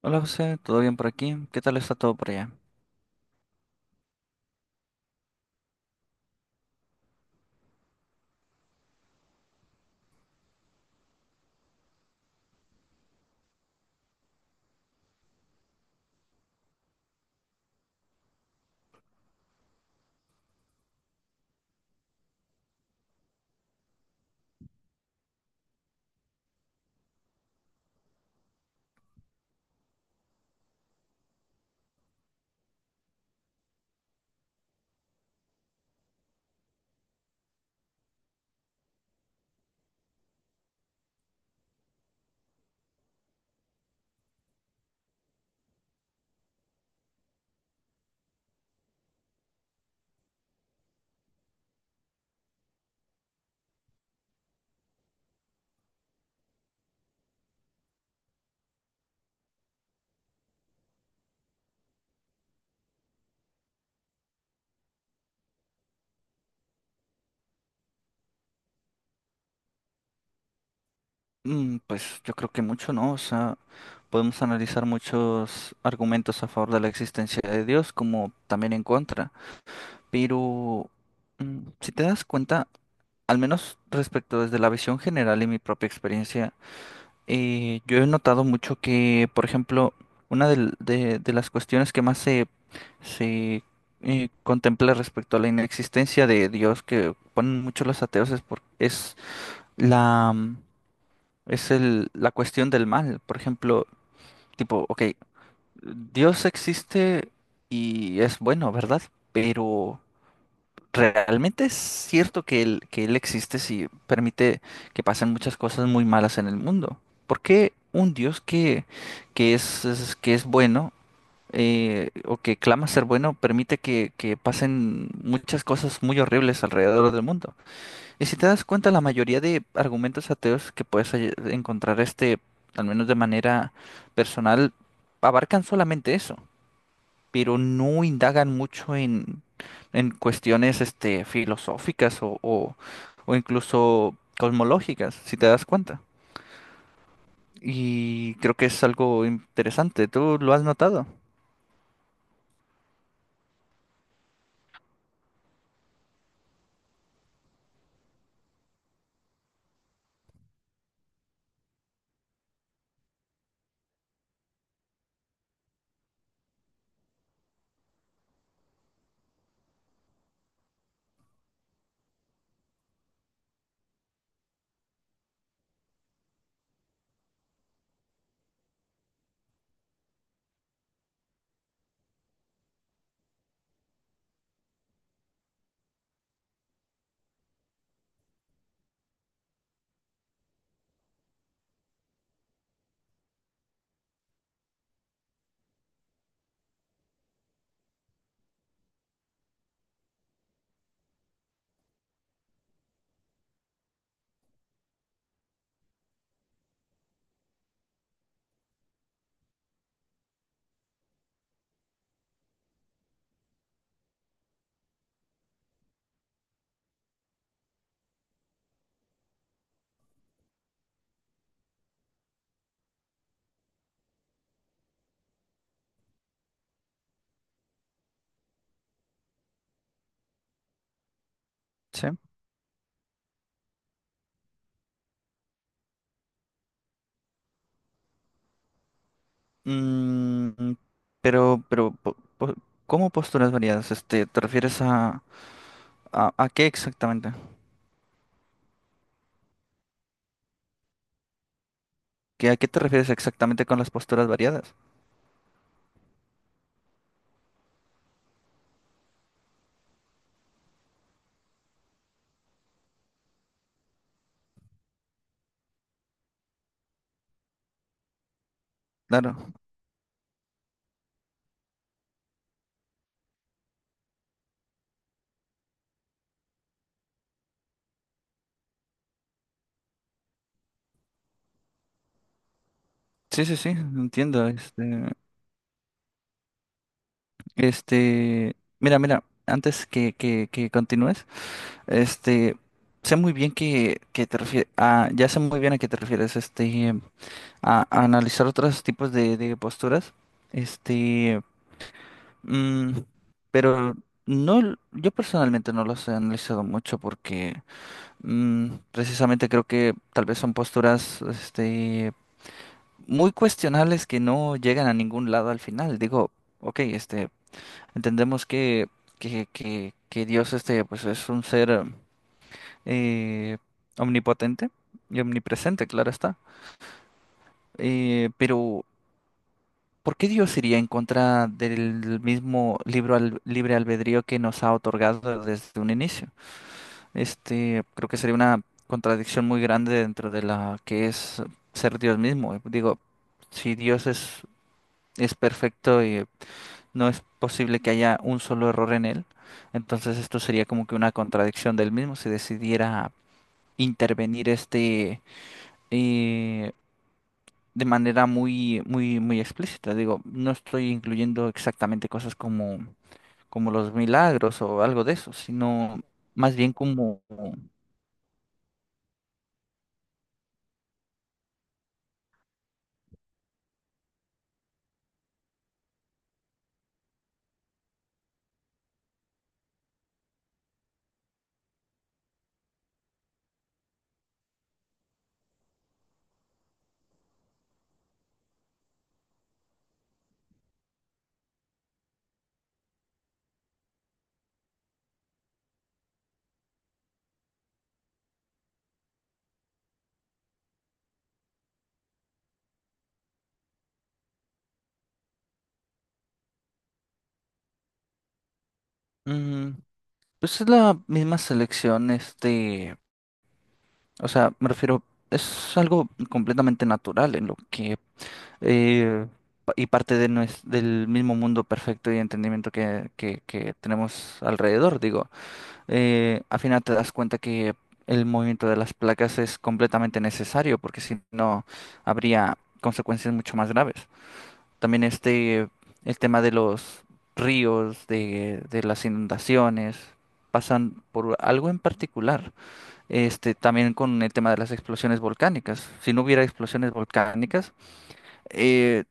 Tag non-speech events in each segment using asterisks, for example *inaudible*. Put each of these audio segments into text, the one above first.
Hola José, ¿todo bien por aquí? ¿Qué tal está todo por allá? Pues yo creo que mucho no, o sea, podemos analizar muchos argumentos a favor de la existencia de Dios como también en contra, pero si te das cuenta, al menos respecto desde la visión general y mi propia experiencia, yo he notado mucho que, por ejemplo, una de las cuestiones que más se contempla respecto a la inexistencia de Dios que ponen mucho los ateos es la, mm, la cuestión del mal. Por ejemplo, tipo, ok, Dios existe y es bueno, ¿verdad? Pero realmente es cierto que él existe si permite que pasen muchas cosas muy malas en el mundo. ¿Por qué un Dios que que es bueno o que clama ser bueno permite que pasen muchas cosas muy horribles alrededor del mundo? Y si te das cuenta, la mayoría de argumentos ateos que puedes encontrar, este, al menos de manera personal, abarcan solamente eso, pero no indagan mucho en cuestiones, este, o incluso cosmológicas, si te das cuenta. Y creo que es algo interesante, ¿tú lo has notado? Sí. Mm, pero, pero, po- po- ¿Cómo posturas variadas? Este, ¿te refieres a qué exactamente? ¿Qué, a qué te refieres exactamente con las posturas variadas? Claro. Sí, sí, sí, entiendo. Este, mira, antes que continúes, este, sé muy bien que te refieres, a, ya sé muy bien a qué te refieres, este, a analizar otros tipos de posturas, este, mm, pero yo personalmente no los he analizado mucho porque precisamente creo que tal vez son posturas, este, muy cuestionables que no llegan a ningún lado al final. Digo, ok, este, entendemos que Dios este, pues es un ser eh, omnipotente y omnipresente, claro está. Pero, ¿por qué Dios iría en contra del mismo libre albedrío que nos ha otorgado desde un inicio? Este, creo que sería una contradicción muy grande dentro de la que es ser Dios mismo. Digo, si Dios es perfecto. No es posible que haya un solo error en él. Entonces esto sería como que una contradicción del mismo si decidiera intervenir este eh, de manera muy, muy, muy explícita. Digo, no estoy incluyendo exactamente cosas como, como los milagros o algo de eso, sino más bien como mm, pues es la misma selección, este, o sea, me refiero, es algo completamente natural en lo que eh, parte de del mismo mundo perfecto y entendimiento que tenemos alrededor. Digo, al final te das cuenta que el movimiento de las placas es completamente necesario, porque si no habría consecuencias mucho más graves. También este, el tema de los ríos, de las inundaciones pasan por algo en particular, este, también con el tema de las explosiones volcánicas. Si no hubiera explosiones volcánicas, eh,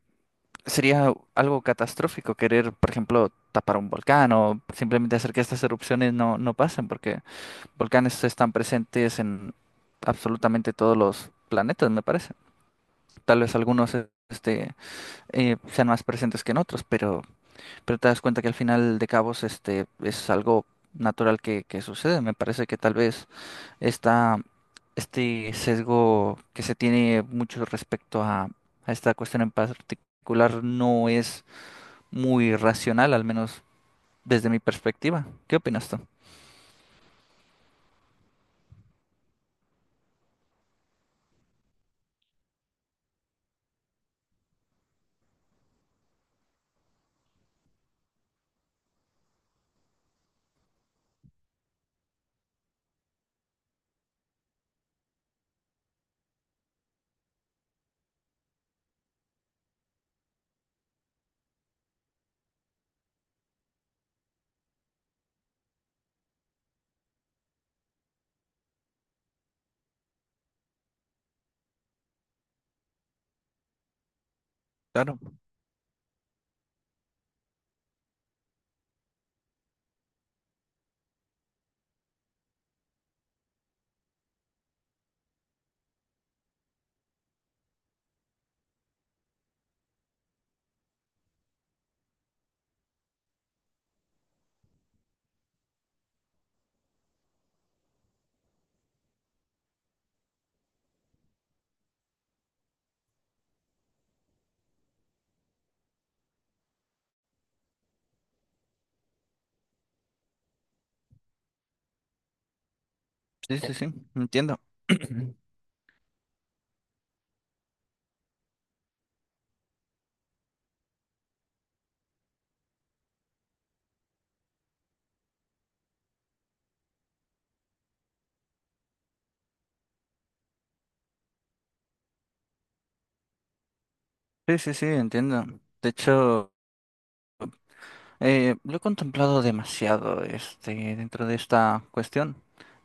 sería algo catastrófico querer, por ejemplo, tapar un volcán o simplemente hacer que estas erupciones no pasen, porque volcanes están presentes en absolutamente todos los planetas, me parece. Tal vez algunos sean más presentes que en otros, pero te das cuenta que al final de cabos este, es algo natural que sucede. Me parece que tal vez esta, este sesgo que se tiene mucho respecto a esta cuestión en particular no es muy racional, al menos desde mi perspectiva. ¿Qué opinas tú? Claro, sí, sí, sí, entiendo. Sí, sí, sí, entiendo. De hecho... lo he contemplado demasiado, este, dentro de esta cuestión.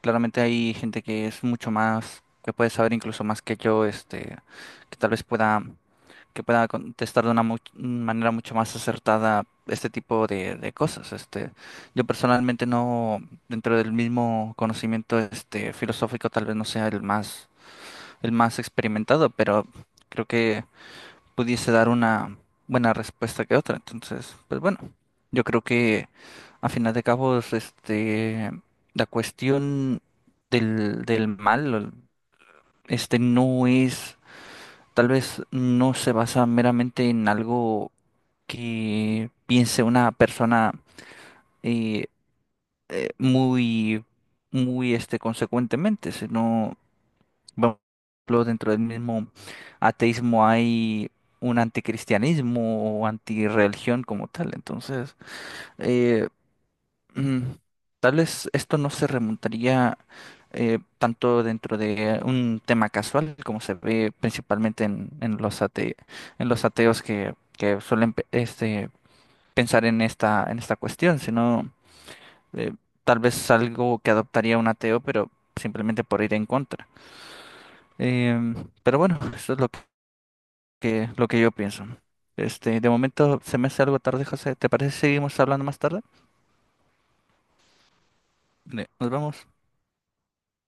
Claramente hay gente que es mucho más, que puede saber incluso más que yo, este, que tal vez pueda, que pueda contestar de una manera mucho más acertada este tipo de cosas. Este, yo personalmente no, dentro del mismo conocimiento, este, filosófico, tal vez no sea el más experimentado, pero creo que pudiese dar una buena respuesta que otra. Entonces, pues bueno, yo creo que a final de cabos, este, la cuestión del mal, este, no es, tal vez no se basa meramente en algo que piense una persona eh, muy, muy, este, consecuentemente, sino bueno, ejemplo, dentro del mismo ateísmo hay un anticristianismo o antirreligión como tal. Entonces, eh, *clears throat* mm, tal vez esto no se remontaría tanto dentro de un tema casual como se ve principalmente en los en los ateos que suelen este, pensar en en esta cuestión, sino eh, tal vez algo que adoptaría un ateo, pero simplemente por ir en contra. Em, pero bueno, eso es lo que lo que yo pienso. Este, de momento se me hace algo tarde, José. ¿Te parece si seguimos hablando más tarde? Nos vemos.